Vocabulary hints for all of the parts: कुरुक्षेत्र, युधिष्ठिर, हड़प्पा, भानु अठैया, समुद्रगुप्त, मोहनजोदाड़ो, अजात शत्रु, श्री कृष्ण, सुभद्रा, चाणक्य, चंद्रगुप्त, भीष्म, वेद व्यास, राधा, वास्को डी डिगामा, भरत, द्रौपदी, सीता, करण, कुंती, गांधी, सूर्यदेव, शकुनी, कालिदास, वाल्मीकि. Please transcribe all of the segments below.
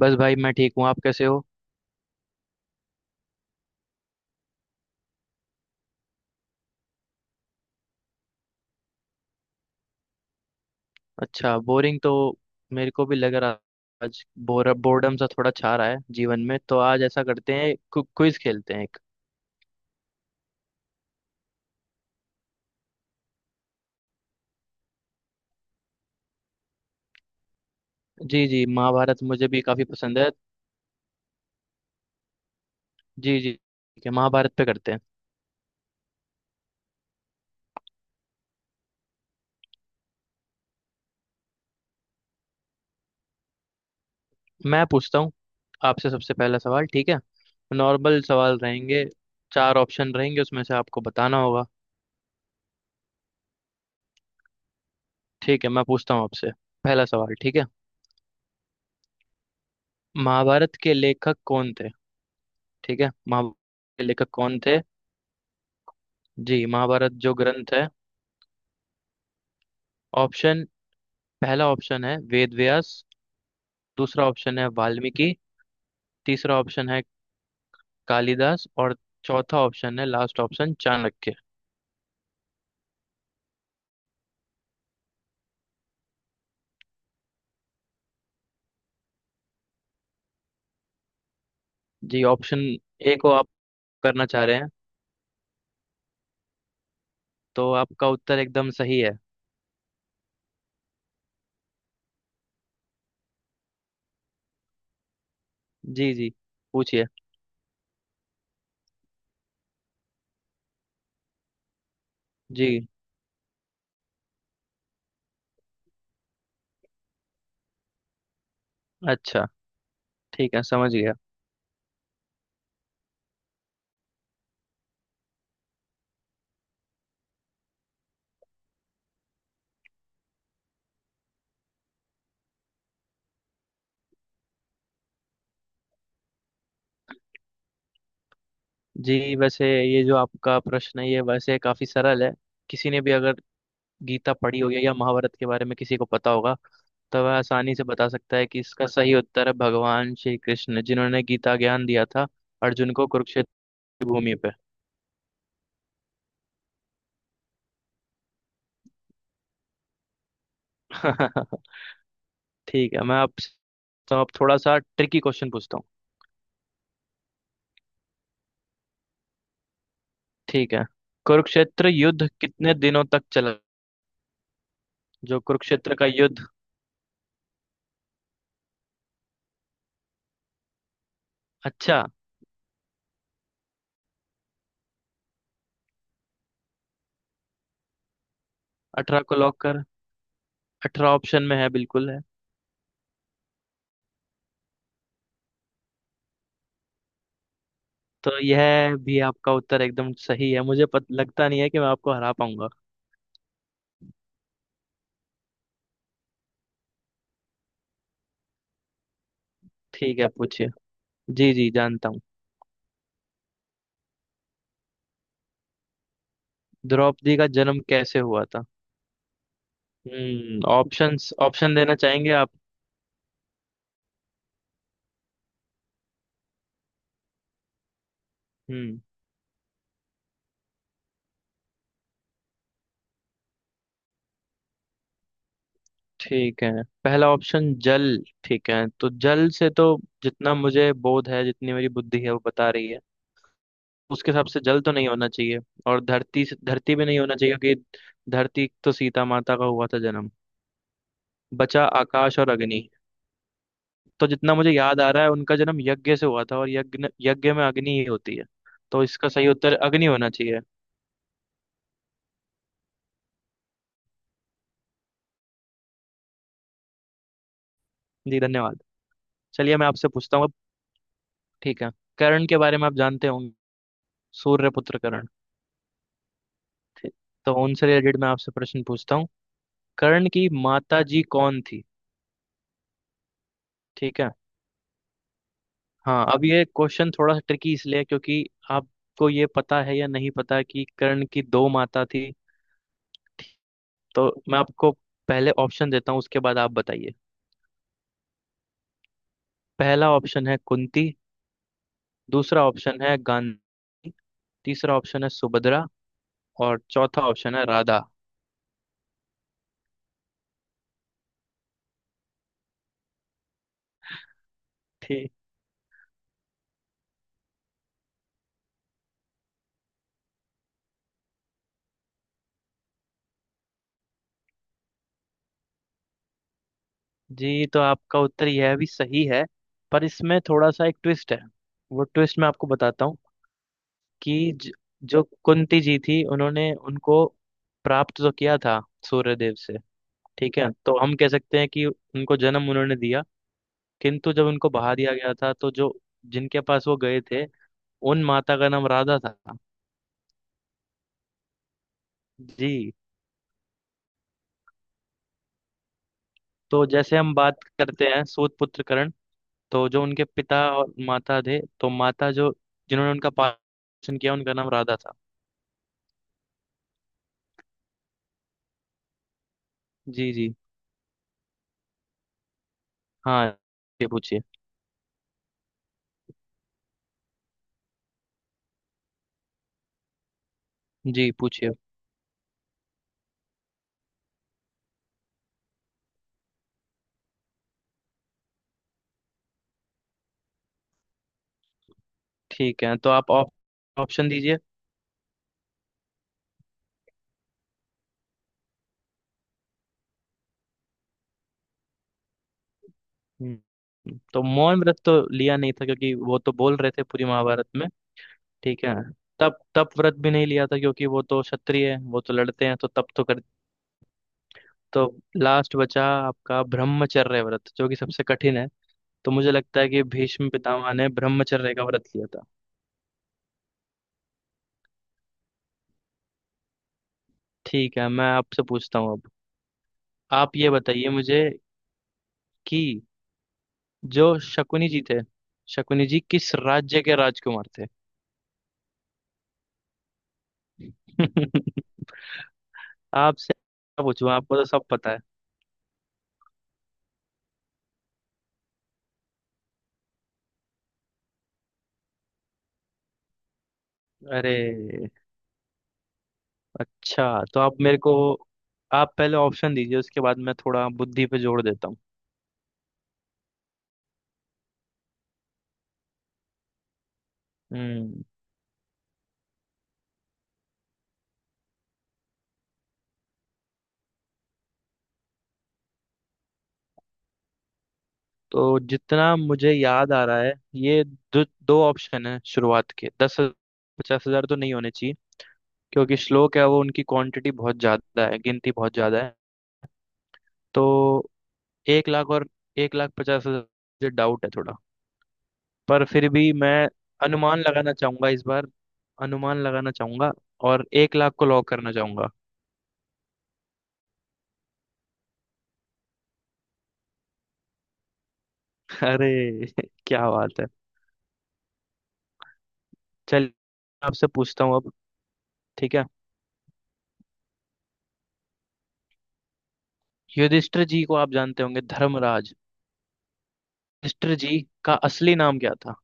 बस भाई मैं ठीक हूँ। आप कैसे हो? अच्छा, बोरिंग तो मेरे को भी लग रहा। आज बोर बोर्डम सा थोड़ा छा रहा है जीवन में, तो आज ऐसा करते हैं क्विज खेलते हैं एक। जी जी, महाभारत मुझे भी काफी पसंद है। जी जी ठीक है, महाभारत पे करते हैं। मैं पूछता हूँ आपसे, सबसे पहला सवाल, ठीक है। नॉर्मल सवाल रहेंगे, चार ऑप्शन रहेंगे, उसमें से आपको बताना होगा। ठीक है, मैं पूछता हूँ आपसे पहला सवाल, ठीक है। महाभारत के लेखक कौन थे? ठीक है, महाभारत के लेखक कौन थे। जी, महाभारत जो ग्रंथ है, ऑप्शन पहला ऑप्शन है वेद व्यास। दूसरा ऑप्शन है वाल्मीकि। तीसरा ऑप्शन है कालिदास। और चौथा ऑप्शन है, last option, चाणक्य। Ji, option A को आप करना चाह रहे हैं? तो आपका उत्तर एकदम सही है। जी जी, पूछिए। जी, अच्छा ठीक है, समझ गया। जी वैसे ये जो आपका प्रश्न है, ये वैसे काफी सरल है। किसी ने भी अगर गीता पढ़ी होगी या महाभारत के बारे में किसी को पता होगा, तो वह आसानी से बता सकता है कि इसका सही उत्तर है भगवान श्री कृष्ण, जिन्होंने गीता ज्ञान दिया था अर्जुन को कुरुक्षेत्र की भूमि पे। ठीक है, मैं आपसे तो आप थोड़ा सा ट्रिकी क्वेश्चन पूछता हूँ, ठीक है। कुरुक्षेत्र युद्ध कितने दिनों तक चला? जो कुरुक्षेत्र का युद्ध। अच्छा, अठारह को लॉक कर, अठारह ऑप्शन में है, बिल्कुल है। तो यह भी आपका उत्तर एकदम सही है। मुझे लगता नहीं है कि मैं आपको हरा पाऊंगा। ठीक है, पूछिए। जी जी, जानता हूँ। द्रौपदी का जन्म कैसे हुआ था? ऑप्शंस ऑप्शन देना चाहेंगे आप? हम्म। ठीक है, पहला ऑप्शन जल, ठीक है, तो जल से तो, जितना मुझे बोध है, जितनी मेरी बुद्धि है वो बता रही है, उसके हिसाब से जल तो नहीं होना चाहिए। और धरती से, धरती भी नहीं होना चाहिए, क्योंकि धरती तो सीता माता का हुआ था जन्म। बचा आकाश और अग्नि। तो जितना मुझे याद आ रहा है, उनका जन्म यज्ञ से हुआ था, और यज्ञ यज्ञ में अग्नि ही होती है। तो इसका सही उत्तर अग्नि होना चाहिए। जी धन्यवाद। चलिए मैं आपसे पूछता हूँ, ठीक है। करण के बारे में आप जानते होंगे, सूर्यपुत्र करण। ठीक। तो उनसे रिलेटेड मैं आपसे प्रश्न पूछता हूँ। करण की माता जी कौन थी? ठीक है। हाँ, अब ये क्वेश्चन थोड़ा सा ट्रिकी, इसलिए क्योंकि आपको ये पता है या नहीं पता कि कर्ण की दो माता थी। तो मैं आपको पहले ऑप्शन देता हूँ, उसके बाद आप बताइए। पहला ऑप्शन है कुंती। दूसरा ऑप्शन है गांधी। तीसरा ऑप्शन है सुभद्रा। और चौथा ऑप्शन है राधा। जी, तो आपका उत्तर यह भी सही है, पर इसमें थोड़ा सा एक ट्विस्ट है। वो ट्विस्ट मैं आपको बताता हूँ। कि जो कुंती जी थी, उन्होंने उनको प्राप्त तो किया था सूर्यदेव से। ठीक है, तो हम कह सकते हैं कि उनको जन्म उन्होंने दिया, किंतु जब उनको बहा दिया गया था, तो जो जिनके पास वो गए थे, उन माता का नाम राधा था। जी। तो जैसे हम बात करते हैं सूत पुत्र करण, तो जो उनके पिता और माता थे, तो माता जो जिन्होंने उनका पालन पोषण किया, उनका नाम राधा था। जी जी। हाँ, ये पूछिए। जी, पूछिए। ठीक है, तो आप ऑप्शन दीजिए। तो मौन व्रत तो लिया नहीं था, क्योंकि वो तो बोल रहे थे पूरी महाभारत में। ठीक है, तप तप व्रत भी नहीं लिया था, क्योंकि वो तो क्षत्रिय है, वो तो लड़ते हैं, तो तप तो कर। तो लास्ट बचा आपका ब्रह्मचर्य व्रत, जो कि सबसे कठिन है। तो मुझे लगता है कि भीष्म पितामह ने ब्रह्मचर्य का व्रत लिया था। ठीक है, मैं आपसे पूछता हूँ अब। आप ये बताइए मुझे, कि जो शकुनी जी थे, शकुनी जी किस राज्य के राजकुमार थे? आपसे क्या पूछूं, आपको तो सब पता है। अरे, अच्छा तो आप मेरे को, आप पहले ऑप्शन दीजिए, उसके बाद मैं थोड़ा बुद्धि पे जोड़ देता हूँ। हम्म, तो जितना मुझे याद आ रहा है, ये दो दो ऑप्शन है शुरुआत के दस। पचास हजार तो नहीं होने चाहिए, क्योंकि श्लोक है वो, उनकी क्वांटिटी बहुत ज्यादा है, गिनती बहुत ज्यादा है। तो एक लाख और एक लाख पचास हजार, डाउट है थोड़ा। पर फिर भी मैं अनुमान लगाना चाहूंगा इस बार, अनुमान लगाना चाहूंगा, और एक लाख को लॉक करना चाहूंगा। अरे, क्या बात है। चलिए आपसे पूछता हूँ अब, ठीक है। युधिष्ठिर जी को आप जानते होंगे, धर्मराज युधिष्ठिर जी का असली नाम क्या था?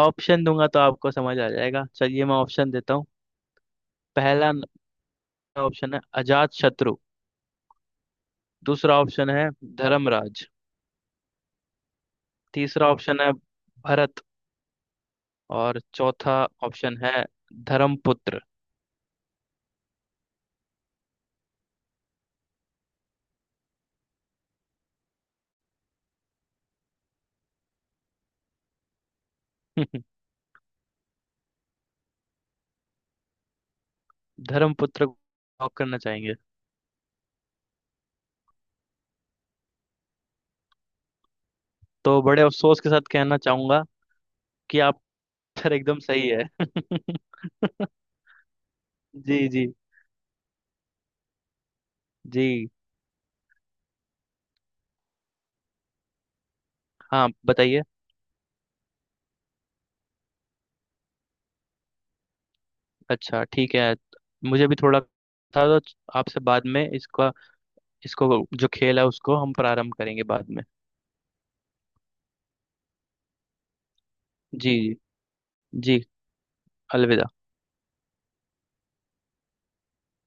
ऑप्शन दूंगा तो आपको समझ आ जाएगा, चलिए मैं ऑप्शन देता हूँ। पहला ऑप्शन है अजात शत्रु। दूसरा ऑप्शन है धर्मराज। तीसरा ऑप्शन है भरत। और चौथा ऑप्शन है धर्मपुत्र। धर्मपुत्र को लॉक करना चाहेंगे? तो बड़े अफसोस के साथ कहना चाहूंगा कि आप सर एकदम सही है। जी जी। जी, हाँ बताइए। अच्छा ठीक है, मुझे भी थोड़ा था, तो आपसे बाद में इसका, इसको, जो खेल है उसको हम प्रारंभ करेंगे बाद में। जी जी। जी, अलविदा।